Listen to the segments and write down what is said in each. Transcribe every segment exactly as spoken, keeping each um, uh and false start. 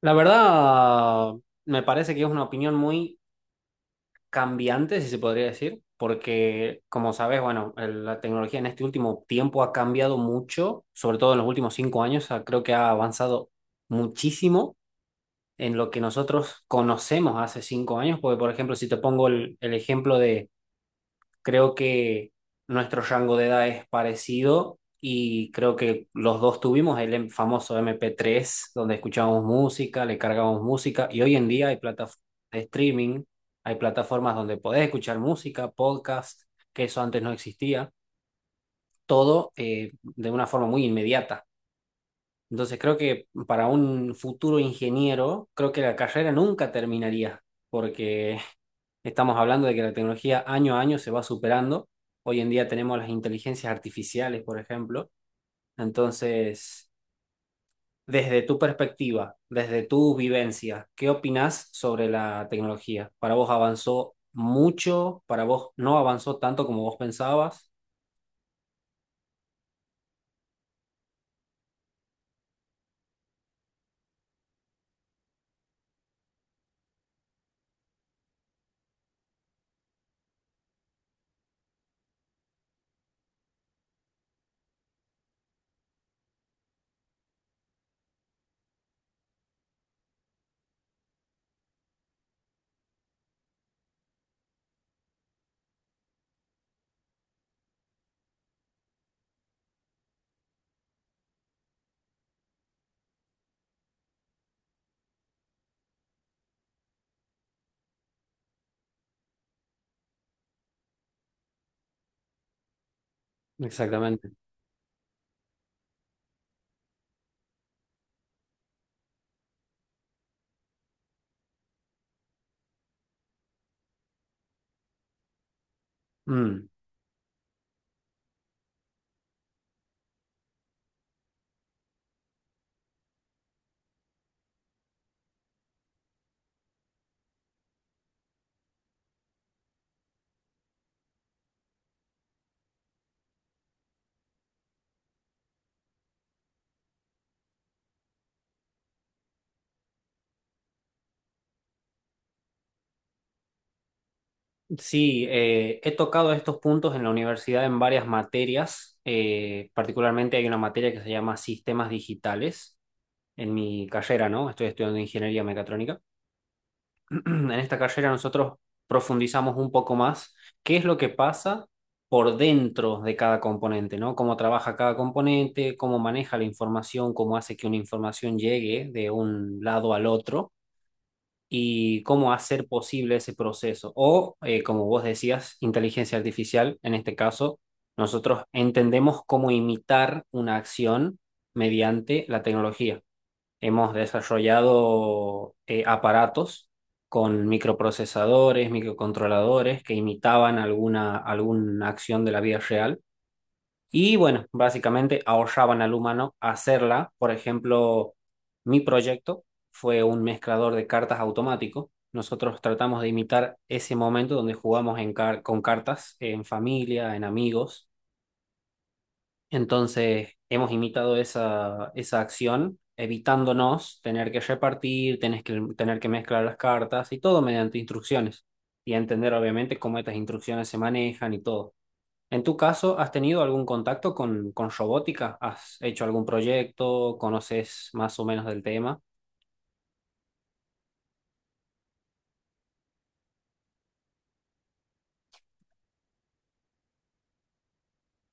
La verdad, me parece que es una opinión muy cambiante, si se podría decir, porque como sabes, bueno, el- la tecnología en este último tiempo ha cambiado mucho, sobre todo en los últimos cinco años. Ah, creo que ha avanzado muchísimo en lo que nosotros conocemos hace cinco años, porque por ejemplo, si te pongo el, el ejemplo. Creo que nuestro rango de edad es parecido, y creo que los dos tuvimos el em- famoso M P tres donde escuchábamos música, le cargábamos música, y hoy en día hay plataformas de streaming, hay plataformas donde podés escuchar música, podcast, que eso antes no existía, todo eh, de una forma muy inmediata. Entonces creo que para un futuro ingeniero, creo que la carrera nunca terminaría, porque estamos hablando de que la tecnología año a año se va superando. Hoy en día tenemos las inteligencias artificiales, por ejemplo. Entonces, desde tu perspectiva, desde tu vivencia, ¿qué opinás sobre la tecnología? ¿Para vos avanzó mucho? ¿Para vos no avanzó tanto como vos pensabas? Exactamente. Mm. Sí, eh, he tocado estos puntos en la universidad en varias materias. Eh, particularmente hay una materia que se llama sistemas digitales en mi carrera, ¿no? Estoy estudiando ingeniería mecatrónica. En esta carrera nosotros profundizamos un poco más qué es lo que pasa por dentro de cada componente, ¿no? Cómo trabaja cada componente, cómo maneja la información, cómo hace que una información llegue de un lado al otro y cómo hacer posible ese proceso. O, eh, como vos decías, inteligencia artificial, en este caso, nosotros entendemos cómo imitar una acción mediante la tecnología. Hemos desarrollado eh, aparatos con microprocesadores, microcontroladores que imitaban alguna, alguna acción de la vida real. Y bueno, básicamente ahorraban al humano hacerla. Por ejemplo, mi proyecto fue un mezclador de cartas automático. Nosotros tratamos de imitar ese momento donde jugamos en car- con cartas en familia, en amigos, entonces, hemos imitado esa, esa acción, evitándonos tener que repartir, tener que, tener que mezclar las cartas y todo mediante instrucciones. Y entender, obviamente, cómo estas instrucciones se manejan y todo. En tu caso, ¿has tenido algún contacto con, con robótica? ¿Has hecho algún proyecto? ¿Conoces más o menos del tema?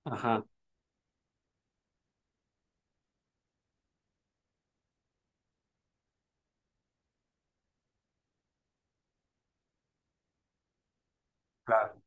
Ajá, claro.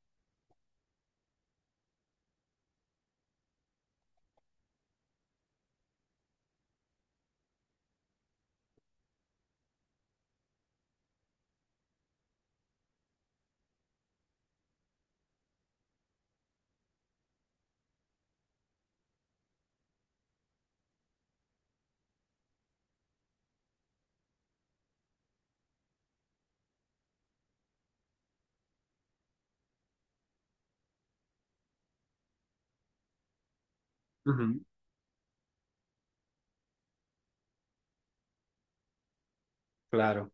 Ujú. Claro.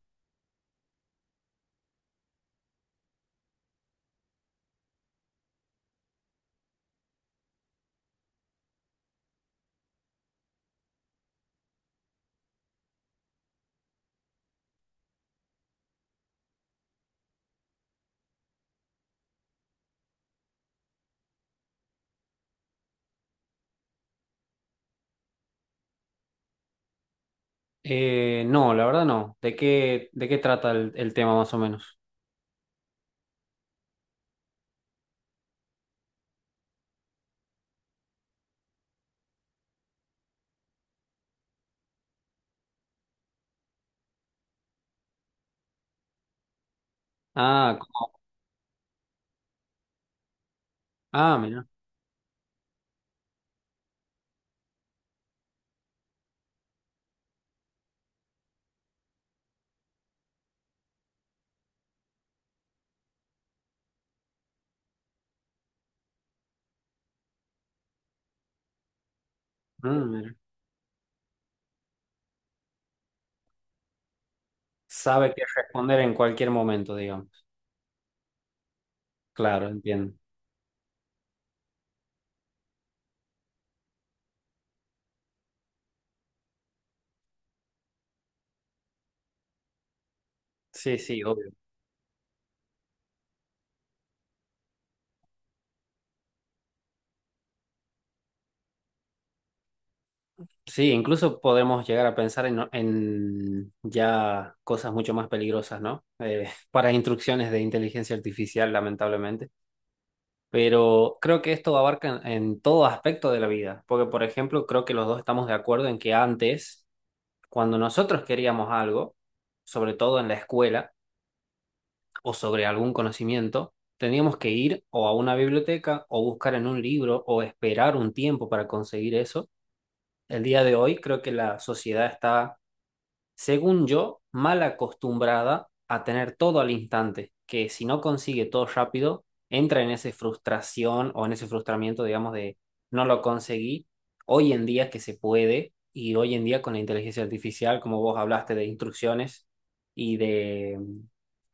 Eh, no, la verdad no. ¿De qué, de qué trata el, el tema más o menos? Ah, co- ah, mira. Mm. Sabe qué responder en cualquier momento, digamos. Claro, entiendo. Sí, sí, obvio. Sí, incluso podemos llegar a pensar en, en ya cosas mucho más peligrosas, ¿no? Eh, para instrucciones de inteligencia artificial, lamentablemente. Pero creo que esto abarca en, en todo aspecto de la vida, porque, por ejemplo, creo que los dos estamos de acuerdo en que antes, cuando nosotros queríamos algo, sobre todo en la escuela, o sobre algún conocimiento, teníamos que ir o a una biblioteca o buscar en un libro o esperar un tiempo para conseguir eso. El día de hoy creo que la sociedad está, según yo, mal acostumbrada a tener todo al instante, que si no consigue todo rápido, entra en esa frustración o en ese frustramiento, digamos, de no lo conseguí. Hoy en día que se puede, y hoy en día con la inteligencia artificial, como vos hablaste de instrucciones y de,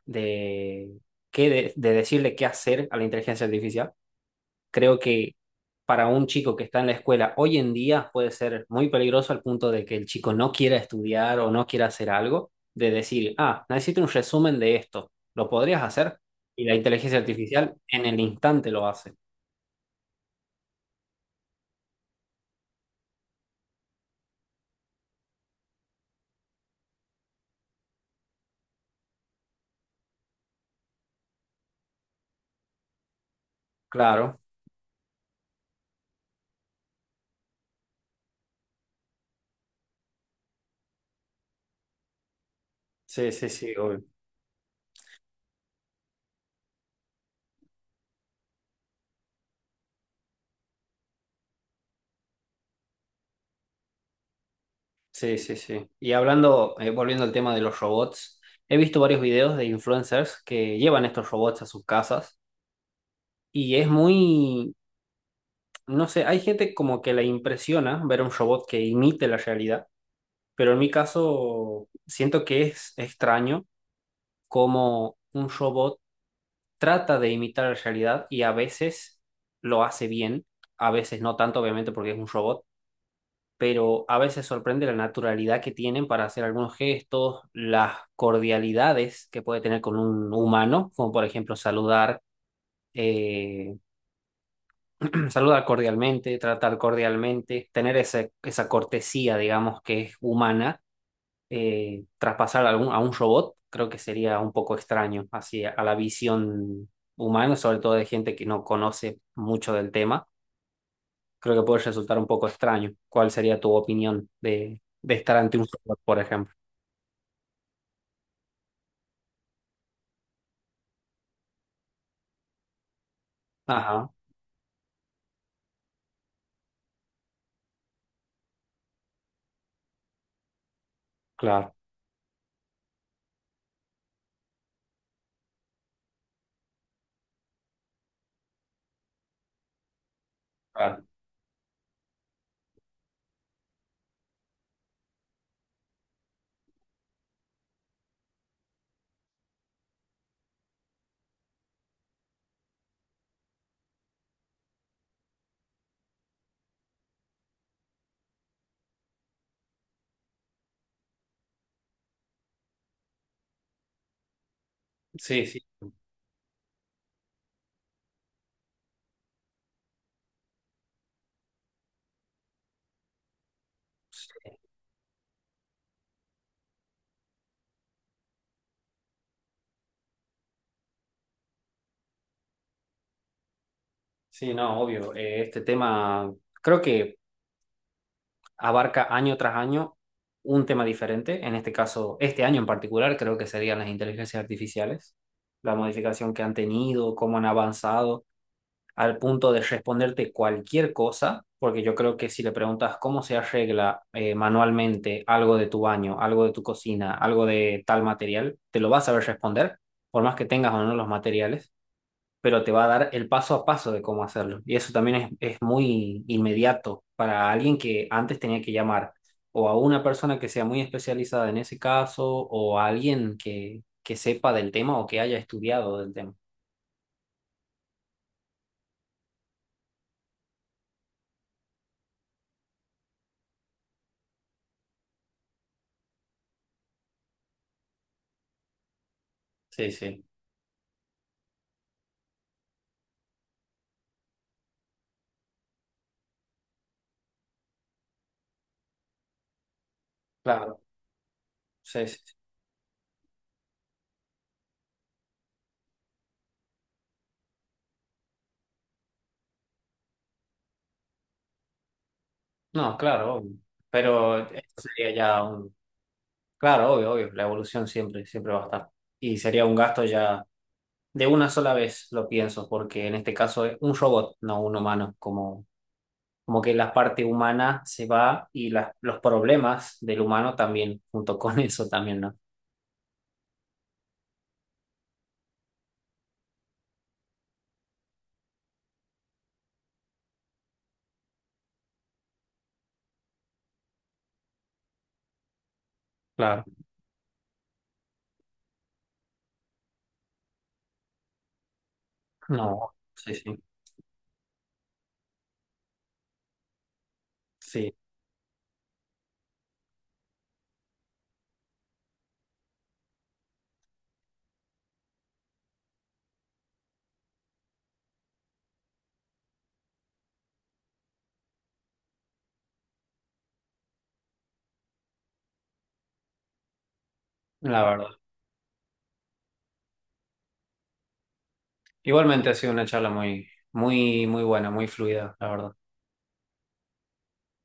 de, qué de de decirle qué hacer a la inteligencia artificial, creo que para un chico que está en la escuela hoy en día puede ser muy peligroso, al punto de que el chico no quiera estudiar o no quiera hacer algo, de decir, ah, necesito un resumen de esto, ¿lo podrías hacer? Y la inteligencia artificial en el instante lo hace. Claro, sí, sí, sí, obvio. Sí, sí, sí. Y hablando, eh, volviendo al tema de los robots, he visto varios videos de influencers que llevan estos robots a sus casas, y es muy, no sé, hay gente como que la impresiona ver un robot que imite la realidad. Pero en mi caso, siento que es extraño cómo un robot trata de imitar la realidad, y a veces lo hace bien, a veces no tanto, obviamente, porque es un robot, pero a veces sorprende la naturalidad que tienen para hacer algunos gestos, las cordialidades que puede tener con un humano, como por ejemplo saludar. eh, Saludar cordialmente, tratar cordialmente, tener ese- esa cortesía, digamos, que es humana, eh, traspasar a, algún, a un robot, creo que sería un poco extraño hacia a la visión humana, sobre todo de gente que no conoce mucho del tema. Creo que puede resultar un poco extraño. ¿Cuál sería tu opinión de, de estar ante un robot, por ejemplo? Ajá, claro, claro. Sí, sí, sí, no, obvio. Eh, este tema, creo que abarca año tras año un tema diferente. En este caso, este año en particular, creo que serían las inteligencias artificiales, la modificación que han tenido, cómo han avanzado, al punto de responderte cualquier cosa, porque yo creo que si le preguntas cómo se arregla eh, manualmente algo de tu baño, algo de tu cocina, algo de tal material, te lo vas a saber responder, por más que tengas o no los materiales, pero te va a dar el paso a paso de cómo hacerlo. Y eso también es, es muy inmediato para alguien que antes tenía que llamar o a una persona que sea muy especializada en ese caso, o a alguien que, que sepa del tema o que haya estudiado del tema. Sí, sí, claro. Sí, sí, sí. No, claro, obvio. Pero esto sería ya un... Claro, obvio, obvio. La evolución siempre, siempre va a estar. Y sería un gasto ya de una sola vez, lo pienso, porque en este caso es un robot, no un humano, como... Como que la parte humana se va, y las los problemas del humano también, junto con eso también, ¿no? Claro. No, sí, sí, sí, la verdad. Igualmente ha sido una charla muy, muy, muy buena, muy fluida, la verdad.